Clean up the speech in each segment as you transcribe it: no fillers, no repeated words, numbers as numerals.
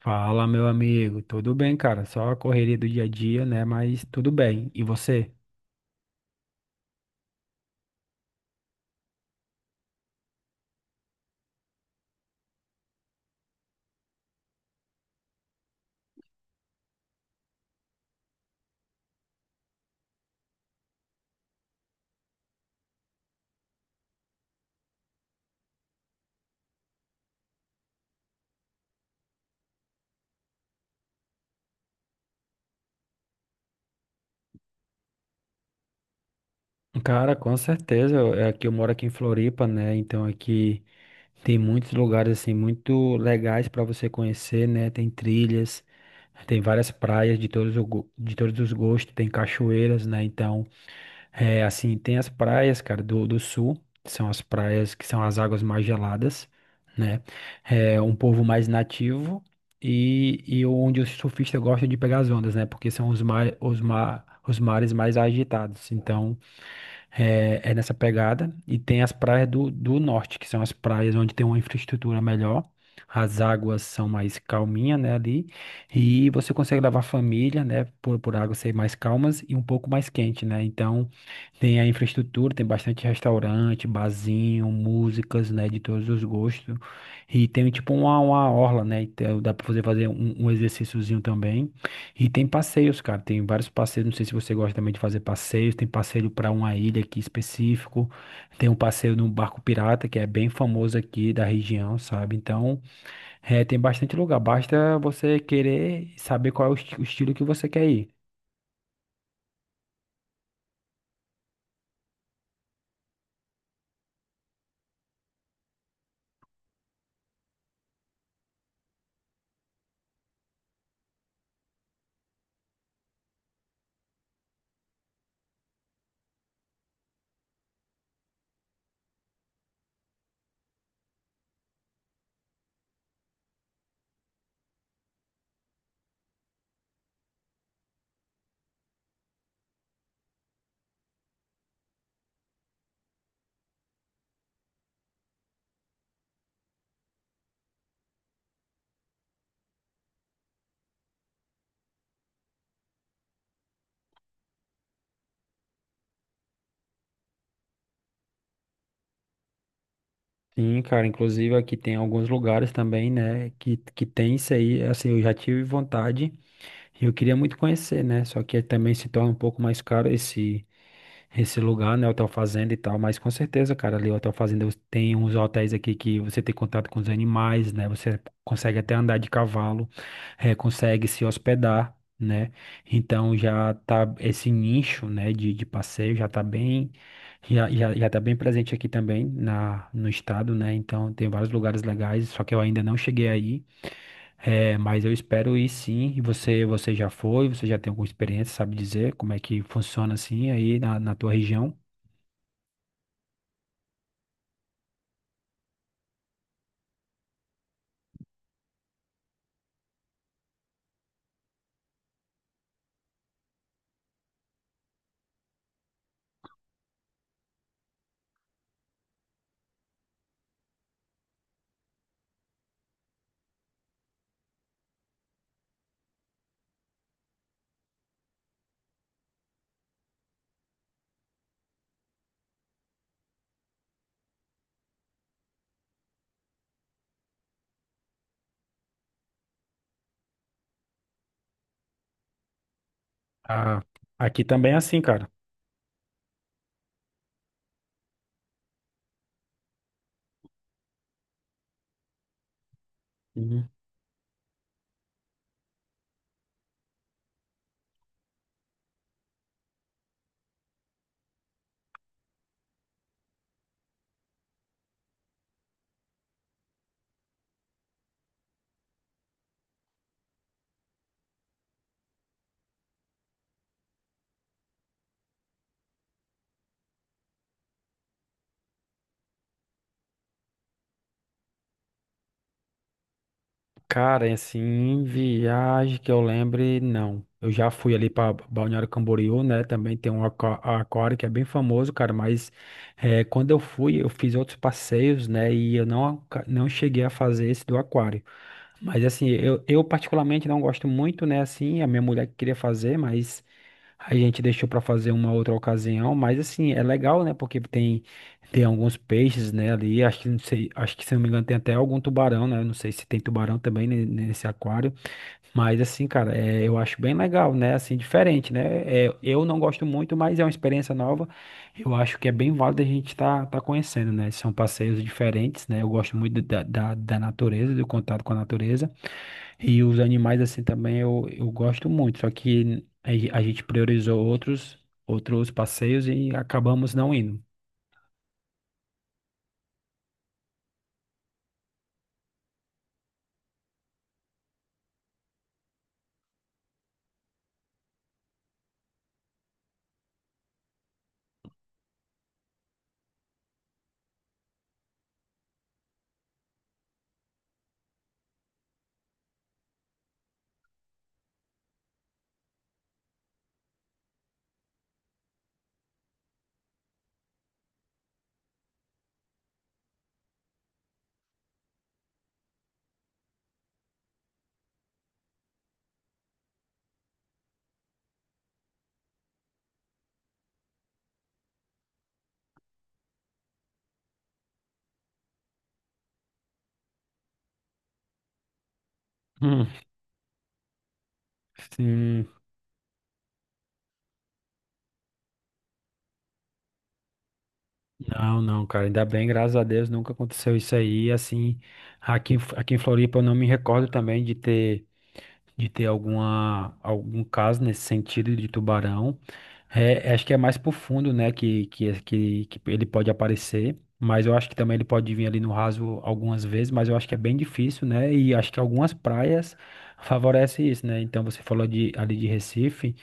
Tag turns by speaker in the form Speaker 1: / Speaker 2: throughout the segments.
Speaker 1: Fala, meu amigo. Tudo bem, cara? Só a correria do dia a dia, né? Mas tudo bem. E você? Cara, com certeza. É que eu moro aqui em Floripa, né? Então aqui tem muitos lugares assim muito legais para você conhecer, né? Tem trilhas, tem várias praias de todos os gostos, tem cachoeiras, né? Então, é, assim, tem as praias, cara, do sul, que são as praias que são as águas mais geladas, né? É um povo mais nativo e onde os surfistas gostam de pegar as ondas, né? Porque são os mares mais agitados. Então, é nessa pegada. E tem as praias do norte, que são as praias onde tem uma infraestrutura melhor. As águas são mais calminhas, né, ali. E você consegue levar a família, né, por águas ser mais calmas e um pouco mais quente, né? Então, tem a infraestrutura, tem bastante restaurante, barzinho, músicas, né, de todos os gostos. E tem, tipo, uma orla, né? Então, dá para você fazer um exercíciozinho também. E tem passeios, cara. Tem vários passeios. Não sei se você gosta também de fazer passeios. Tem passeio para uma ilha aqui específico. Tem um passeio num barco pirata, que é bem famoso aqui da região, sabe? Então, é, tem bastante lugar. Basta você querer saber qual é o estilo que você quer ir. Sim, cara. Inclusive aqui tem alguns lugares também, né? Que tem isso aí. Assim, eu já tive vontade. E eu queria muito conhecer, né? Só que também se torna um pouco mais caro esse lugar, né? Hotel Fazenda e tal. Mas com certeza, cara, ali o Hotel Fazenda você tem uns hotéis aqui que você tem contato com os animais, né? Você consegue até andar de cavalo, consegue se hospedar, né? Então já tá esse nicho, né, de passeio já tá bem. Já tá bem presente aqui também no estado, né? Então tem vários lugares legais, só que eu ainda não cheguei aí. É, mas eu espero ir sim. E você já foi, você já tem alguma experiência, sabe dizer como é que funciona assim aí na tua região? Ah, aqui também é assim, cara. Uhum. Cara, é assim, em viagem que eu lembre, não. Eu já fui ali para Balneário Camboriú, né? Também tem um aquário que é bem famoso, cara. Mas quando eu fui, eu fiz outros passeios, né? E eu não, não cheguei a fazer esse do aquário. Mas assim, eu particularmente não gosto muito, né? Assim, a minha mulher que queria fazer, mas. A gente deixou para fazer uma outra ocasião, mas assim, é legal, né? Porque tem alguns peixes, né, ali. Acho que não sei, acho que se não me engano tem até algum tubarão, né? Eu não sei se tem tubarão também nesse aquário. Mas assim, cara, é, eu acho bem legal, né? Assim, diferente, né? É, eu não gosto muito, mas é uma experiência nova. Eu acho que é bem válido a gente tá conhecendo, né? São passeios diferentes, né? Eu gosto muito da natureza, do contato com a natureza. E os animais assim também eu gosto muito, só que a gente priorizou outros passeios e acabamos não indo. Hum, sim. Não, não, cara, ainda bem, graças a Deus, nunca aconteceu isso aí, assim, aqui em Floripa eu não me recordo também de ter algum caso nesse sentido de tubarão. É, acho que é mais pro fundo, né, que ele pode aparecer, mas eu acho que também ele pode vir ali no raso algumas vezes, mas eu acho que é bem difícil, né, e acho que algumas praias favorecem isso, né, então você falou ali de Recife,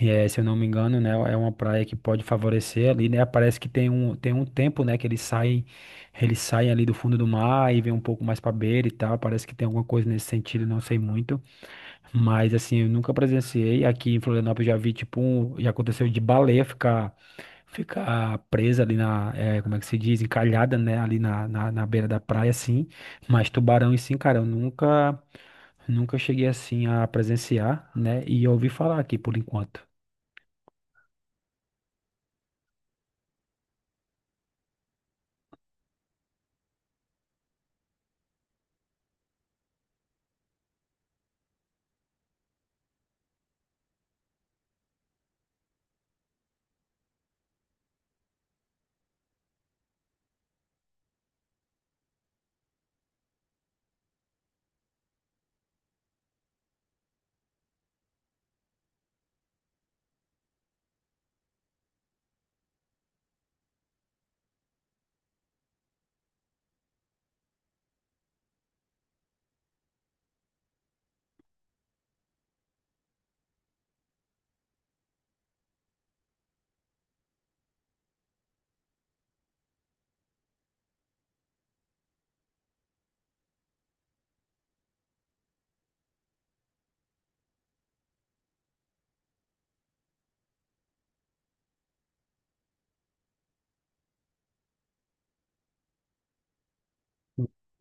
Speaker 1: e, se eu não me engano, né, é uma praia que pode favorecer ali, né, parece que tem um tempo, né, que eles saem ali do fundo do mar e vem um pouco mais pra beira e tal, parece que tem alguma coisa nesse sentido, não sei muito, mas assim, eu nunca presenciei. Aqui em Florianópolis já vi, tipo, um, já aconteceu de baleia ficar, presa ali como é que se diz? Encalhada, né? Ali na beira da praia, assim. Mas tubarão e sim cara, eu nunca cheguei assim a presenciar, né? E eu ouvi falar aqui por enquanto.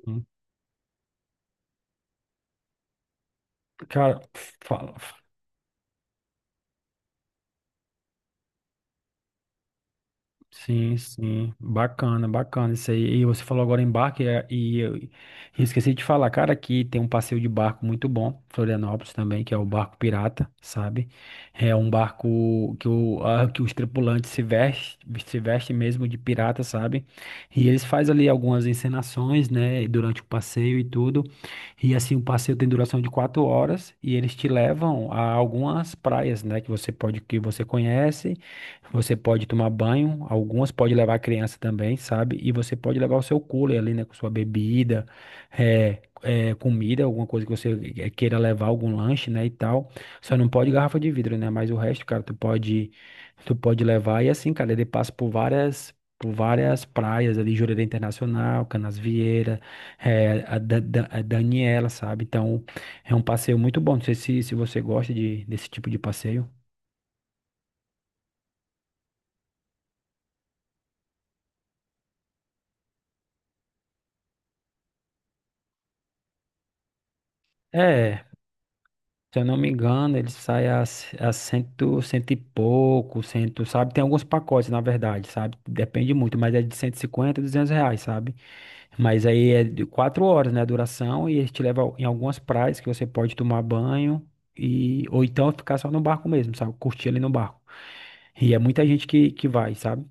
Speaker 1: Hum. Cara, fala. Sim, sim, bacana, bacana isso aí. E você falou agora em barco, e eu e esqueci de falar, cara, aqui tem um passeio de barco muito bom, Florianópolis também, que é o barco pirata, sabe? É um barco que os tripulantes se vestem mesmo de pirata, sabe? E eles fazem ali algumas encenações, né, durante o passeio e tudo. E assim, o passeio tem duração de 4 horas e eles te levam a algumas praias, né, que você conhece. Você pode tomar banho, algumas pode levar a criança também, sabe? E você pode levar o seu cooler ali, né? Com sua bebida, comida, alguma coisa que você queira levar, algum lanche, né? E tal. Só não pode garrafa de vidro, né? Mas o resto, cara, tu pode levar. E assim, cara, ele passa por várias praias ali, Jurerê Internacional, Canasvieira, a Daniela, sabe? Então, é um passeio muito bom. Não sei se você gosta desse tipo de passeio. É, se eu não me engano, ele sai a, cento e pouco, sabe? Tem alguns pacotes, na verdade, sabe? Depende muito, mas é de 150, R$ 200, sabe? Mas aí é de 4 horas, né, a duração, e ele te leva em algumas praias que você pode tomar banho, ou então ficar só no barco mesmo, sabe? Curtir ali no barco. E é muita gente que vai, sabe?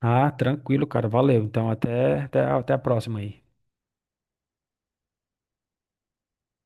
Speaker 1: Ah, tranquilo, cara, valeu. Então até a próxima aí.